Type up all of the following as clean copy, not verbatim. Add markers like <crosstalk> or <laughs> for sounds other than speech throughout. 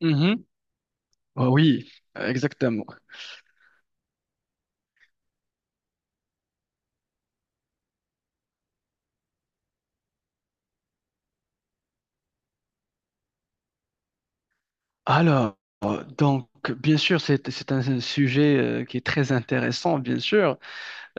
Mhm. Oh oui, exactement. Alors, donc, bien sûr, c'est un sujet qui est très intéressant, bien sûr,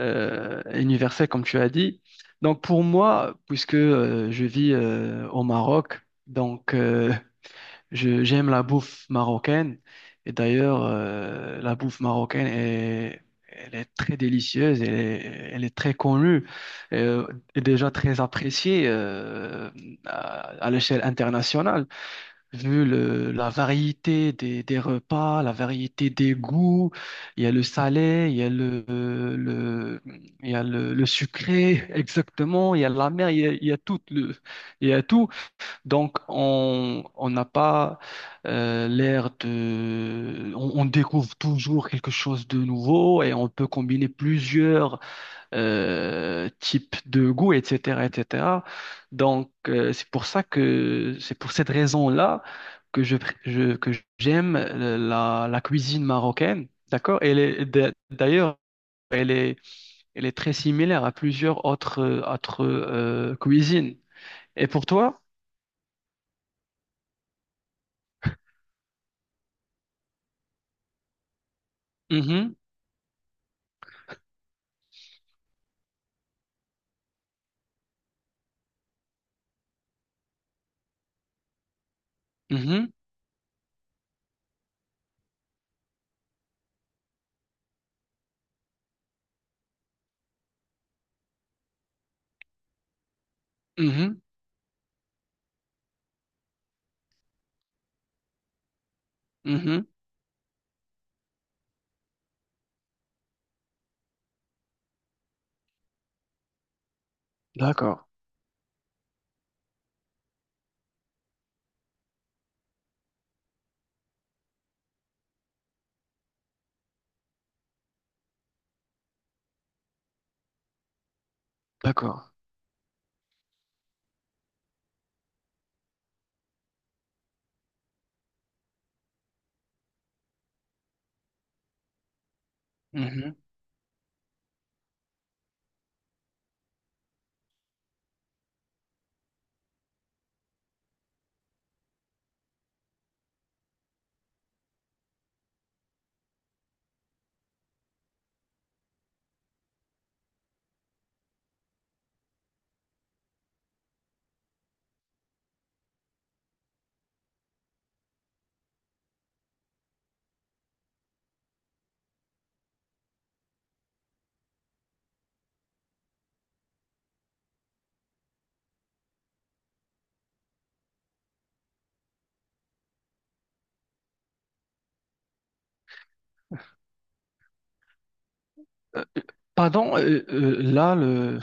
universel, comme tu as dit. Donc, pour moi, puisque je vis au Maroc, donc, j'aime la bouffe marocaine. Et d'ailleurs, la bouffe marocaine est très délicieuse, elle est très connue euh, et déjà très appréciée à à l'échelle internationale. Vu la variété des repas, la variété des goûts, il y a le salé, il y a le, il y a le sucré, <laughs> exactement, il y a la mer, il y a tout. Donc, on n'a pas On découvre toujours quelque chose de nouveau et on peut combiner plusieurs type de goût, etc., etc. Donc, c'est pour cette raison-là que je, pr- je- que j'aime la cuisine marocaine, d'accord? Elle est d'ailleurs, elle est, elle est très similaire à plusieurs autres cuisines. Et pour toi? Mhm, mhm, mhm, mhm. D'accord, d'accord. Mhm. Euh, euh, pardon, là,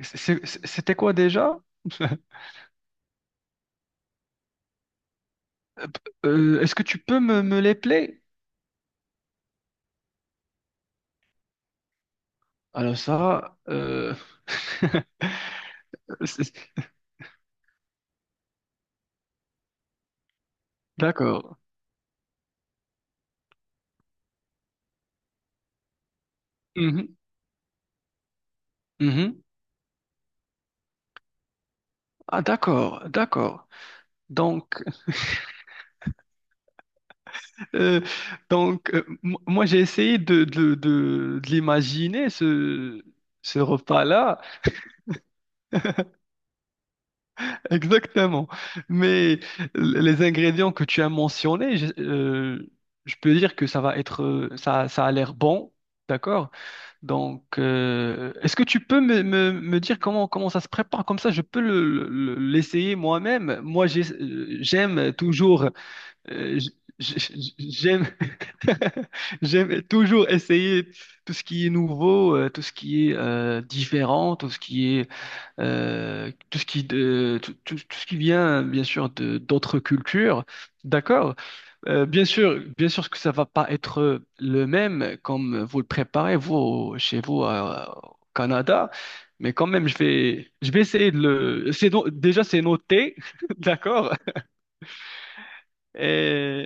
C'était quoi déjà? Euh, est-ce que tu peux me les play? Alors ça, <laughs> c'est- d'accord. Mhm, mhm. Ah d'accord, d'accord. Donc, <laughs> euh, moi j'ai essayé de l'imaginer ce repas-là <laughs> exactement. Mais les ingrédients que tu as mentionnés, je peux dire que ça va être, ça a l'air bon, d'accord? Donc, est-ce que tu peux me dire comment ça se prépare? Comme ça, je peux l'essayer moi-même. Moi, j'aime toujours, euh, j- j- j'aime, <laughs> j'aime toujours essayer tout ce qui est nouveau, tout ce qui est différent, tout ce qui est, tout ce qui, tout ce qui vient, bien sûr, de d'autres cultures. D'accord? Bien sûr que ça va pas être le même comme vous le préparez vous chez vous au Canada, mais quand même je vais essayer de le c'est no- déjà c'est noté, <laughs> d'accord? Et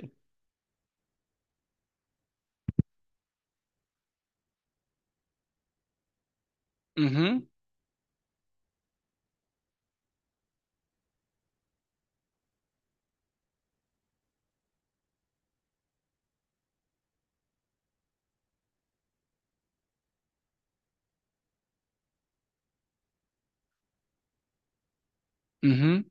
mhm, mhm,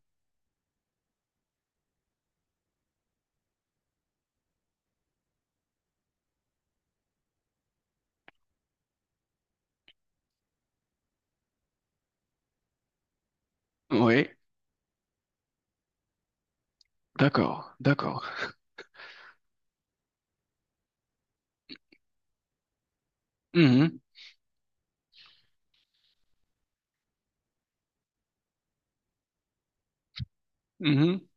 oui, d'accord, d'accord. Mhm, mhm,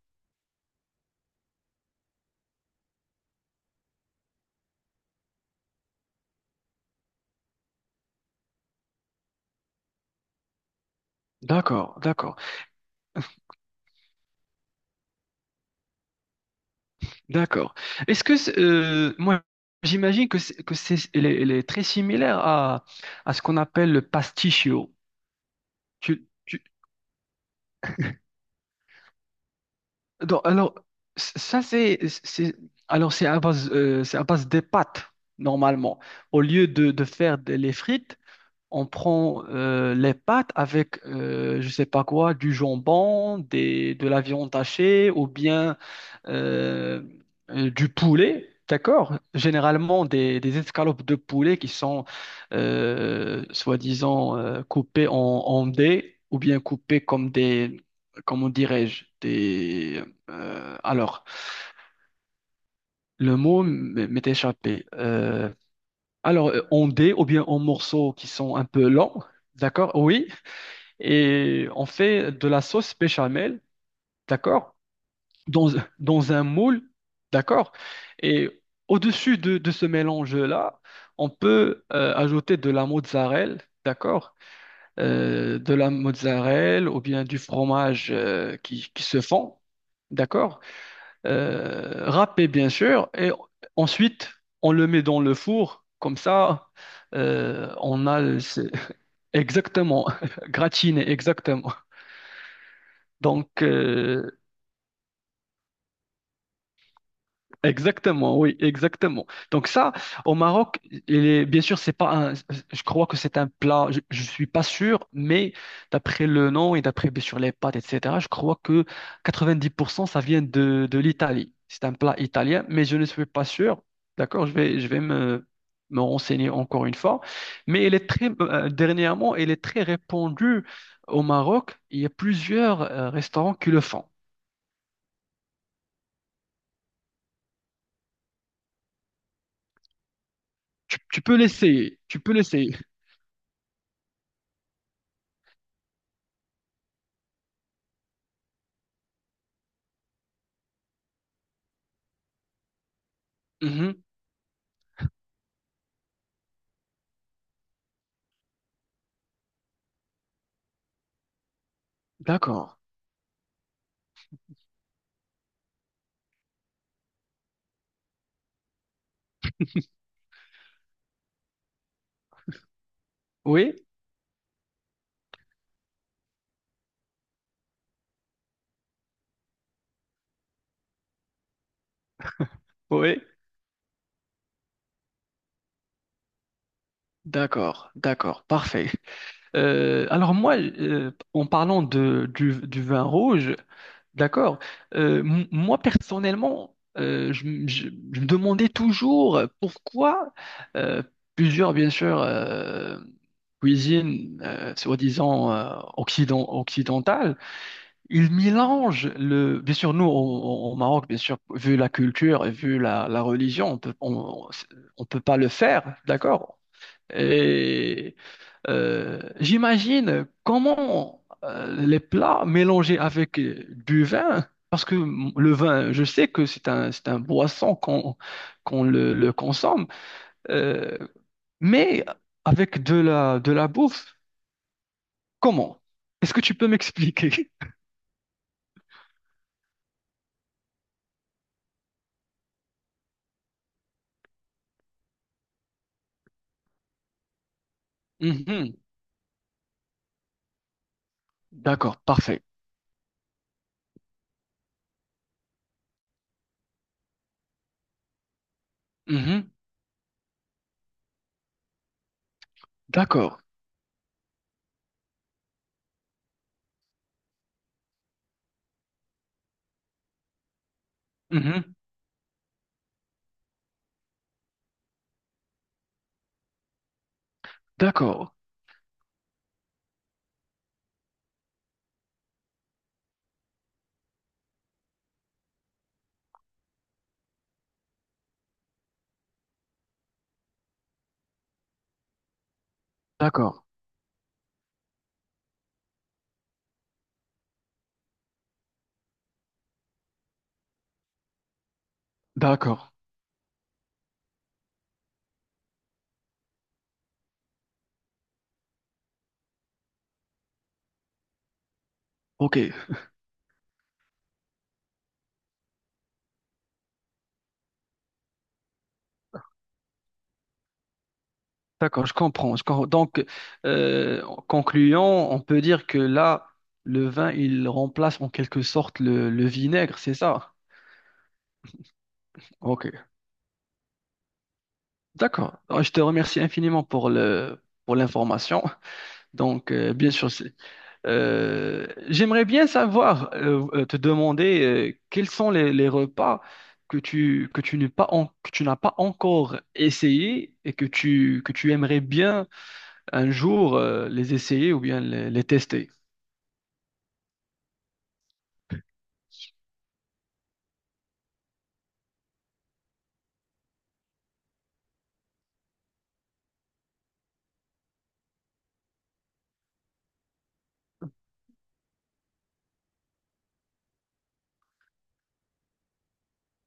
d'accord, d'accord, d'accord. Est-ce que moi j'imagine que c'est elle est très similaire à ce qu'on appelle le pasticcio. Donc, alors, ça, c'est, c'est à base des pâtes, normalement. Au lieu de faire les frites, on prend les pâtes avec, je sais pas quoi, du jambon, de la viande hachée, ou bien euh, du poulet, d'accord? Généralement des escalopes de poulet qui sont soi-disant coupées en dés ou bien coupées comme des, comment dirais-je, alors, le mot m'est échappé. Alors, en dés ou bien en morceaux qui sont un peu longs, d'accord? Oui. Et on fait de la sauce béchamel, d'accord? dans, dans un moule, d'accord? Et au-dessus de ce mélange-là, on peut ajouter de la mozzarella, d'accord? De la mozzarella ou bien du fromage qui se fond, d'accord? Râpé, bien sûr. Et ensuite, on le met dans le four, comme ça, on a... le- c'est- <laughs> Exactement, <laughs> gratiné, exactement. Donc, exactement, oui, exactement. Donc ça, au Maroc, il est, bien sûr, c'est pas un, je crois que c'est un plat, je suis pas sûr, mais d'après le nom et d'après bien sûr les pâtes, etc., je crois que 90% ça vient de l'Italie. C'est un plat italien, mais je ne suis pas sûr. D'accord, je vais me renseigner encore une fois. Mais il est très, dernièrement, il est très répandu au Maroc. Il y a plusieurs restaurants qui le font. Tu peux l'essayer, tu peux l'essayer. Mhm, d'accord. Oui, oui, d'accord, d'accord, parfait. Alors moi, en parlant du vin rouge. D'accord. Moi, personnellement, je me demandais toujours pourquoi euh, plusieurs, bien sûr, cuisines soi-disant occidentales, ils mélangent Bien sûr, nous, au Maroc, bien sûr, vu la culture et vu la religion, on peut pas le faire, d'accord? Et j'imagine comment les plats mélangés avec du vin, parce que le vin, je sais que c'est un boisson qu'on le consomme, euh, mais avec de la bouffe, comment? Est-ce que tu peux m'expliquer? <laughs> Mhm. D'accord, parfait. Mhm. D'accord. Mhm. D'accord. D'accord, d'accord, ok, d'accord, je comprends, je comprends. Donc, en concluant, on peut dire que là, le vin, il remplace en quelque sorte le vinaigre, c'est ça? Ok, d'accord. Alors, je te remercie infiniment pour pour l'information. Donc, bien sûr, j'aimerais bien savoir, te demander, quels sont les repas que tu n'as pas encore essayé et que tu aimerais bien un jour les essayer ou bien les tester.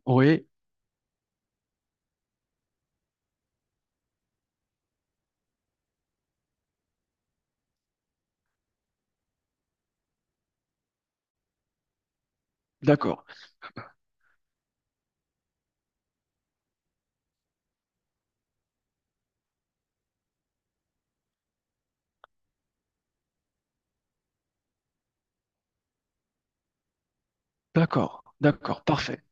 Oui, d'accord, d'accord, d'accord, parfait,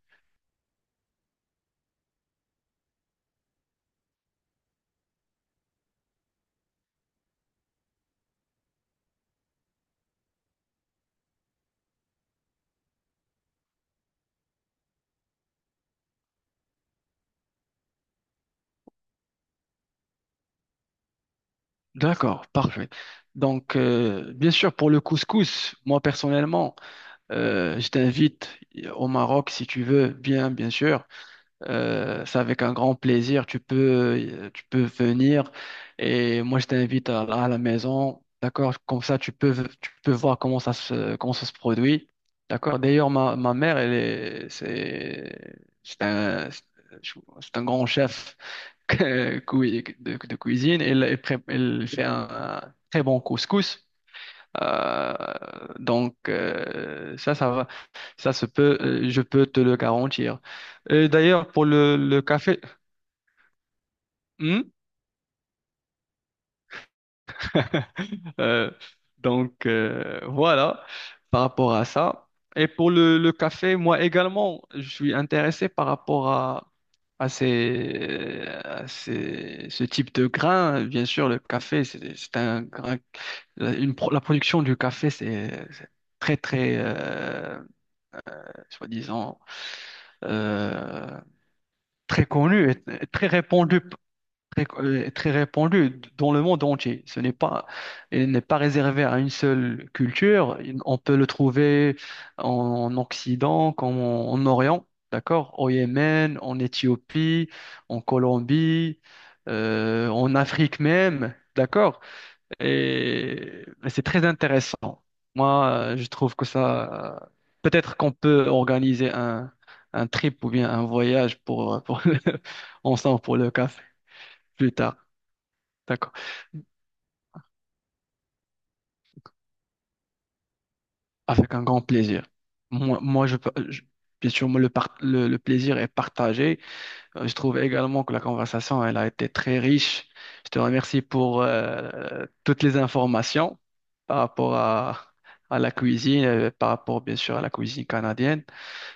d'accord, parfait. Donc, bien sûr, pour le couscous, moi personnellement, je t'invite au Maroc si tu veux, bien, bien sûr. C'est avec un grand plaisir. Tu peux venir et moi je t'invite à la maison. D'accord? Comme ça, tu peux voir comment ça se produit. D'accord? D'ailleurs, ma mère, elle est, c'est un grand chef <laughs> de cuisine. Elle fait un très bon couscous. Euh, donc ça va, ça se peut, je peux te le garantir. Et d'ailleurs pour le café, Hmm. Euh, donc voilà par rapport à ça. Et pour le café, moi également, je suis intéressé par rapport à ce type de grain. Bien sûr, le café, c'est un grain, la production du café, c'est très, très, soi-disant, euh, très connu et très répandu, très, très répandu dans le monde entier. Ce n'est pas, il n'est pas réservé à une seule culture. On peut le trouver en Occident comme en Orient, d'accord? Au Yémen, en Éthiopie, en Colombie, en Afrique même, d'accord? Et c'est très intéressant. Moi, je trouve que ça, peut-être qu'on peut organiser un trip ou bien un voyage pour <laughs> ensemble pour le café plus tard. D'accord. Avec un grand plaisir. Moi, bien sûr, moi, le plaisir est partagé. Je trouve également que la conversation, elle a été très riche. Je te remercie pour toutes les informations par rapport à la cuisine, par rapport bien sûr à la cuisine canadienne.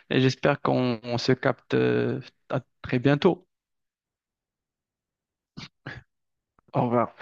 Et j'espère qu'on on se capte à très bientôt. Au revoir.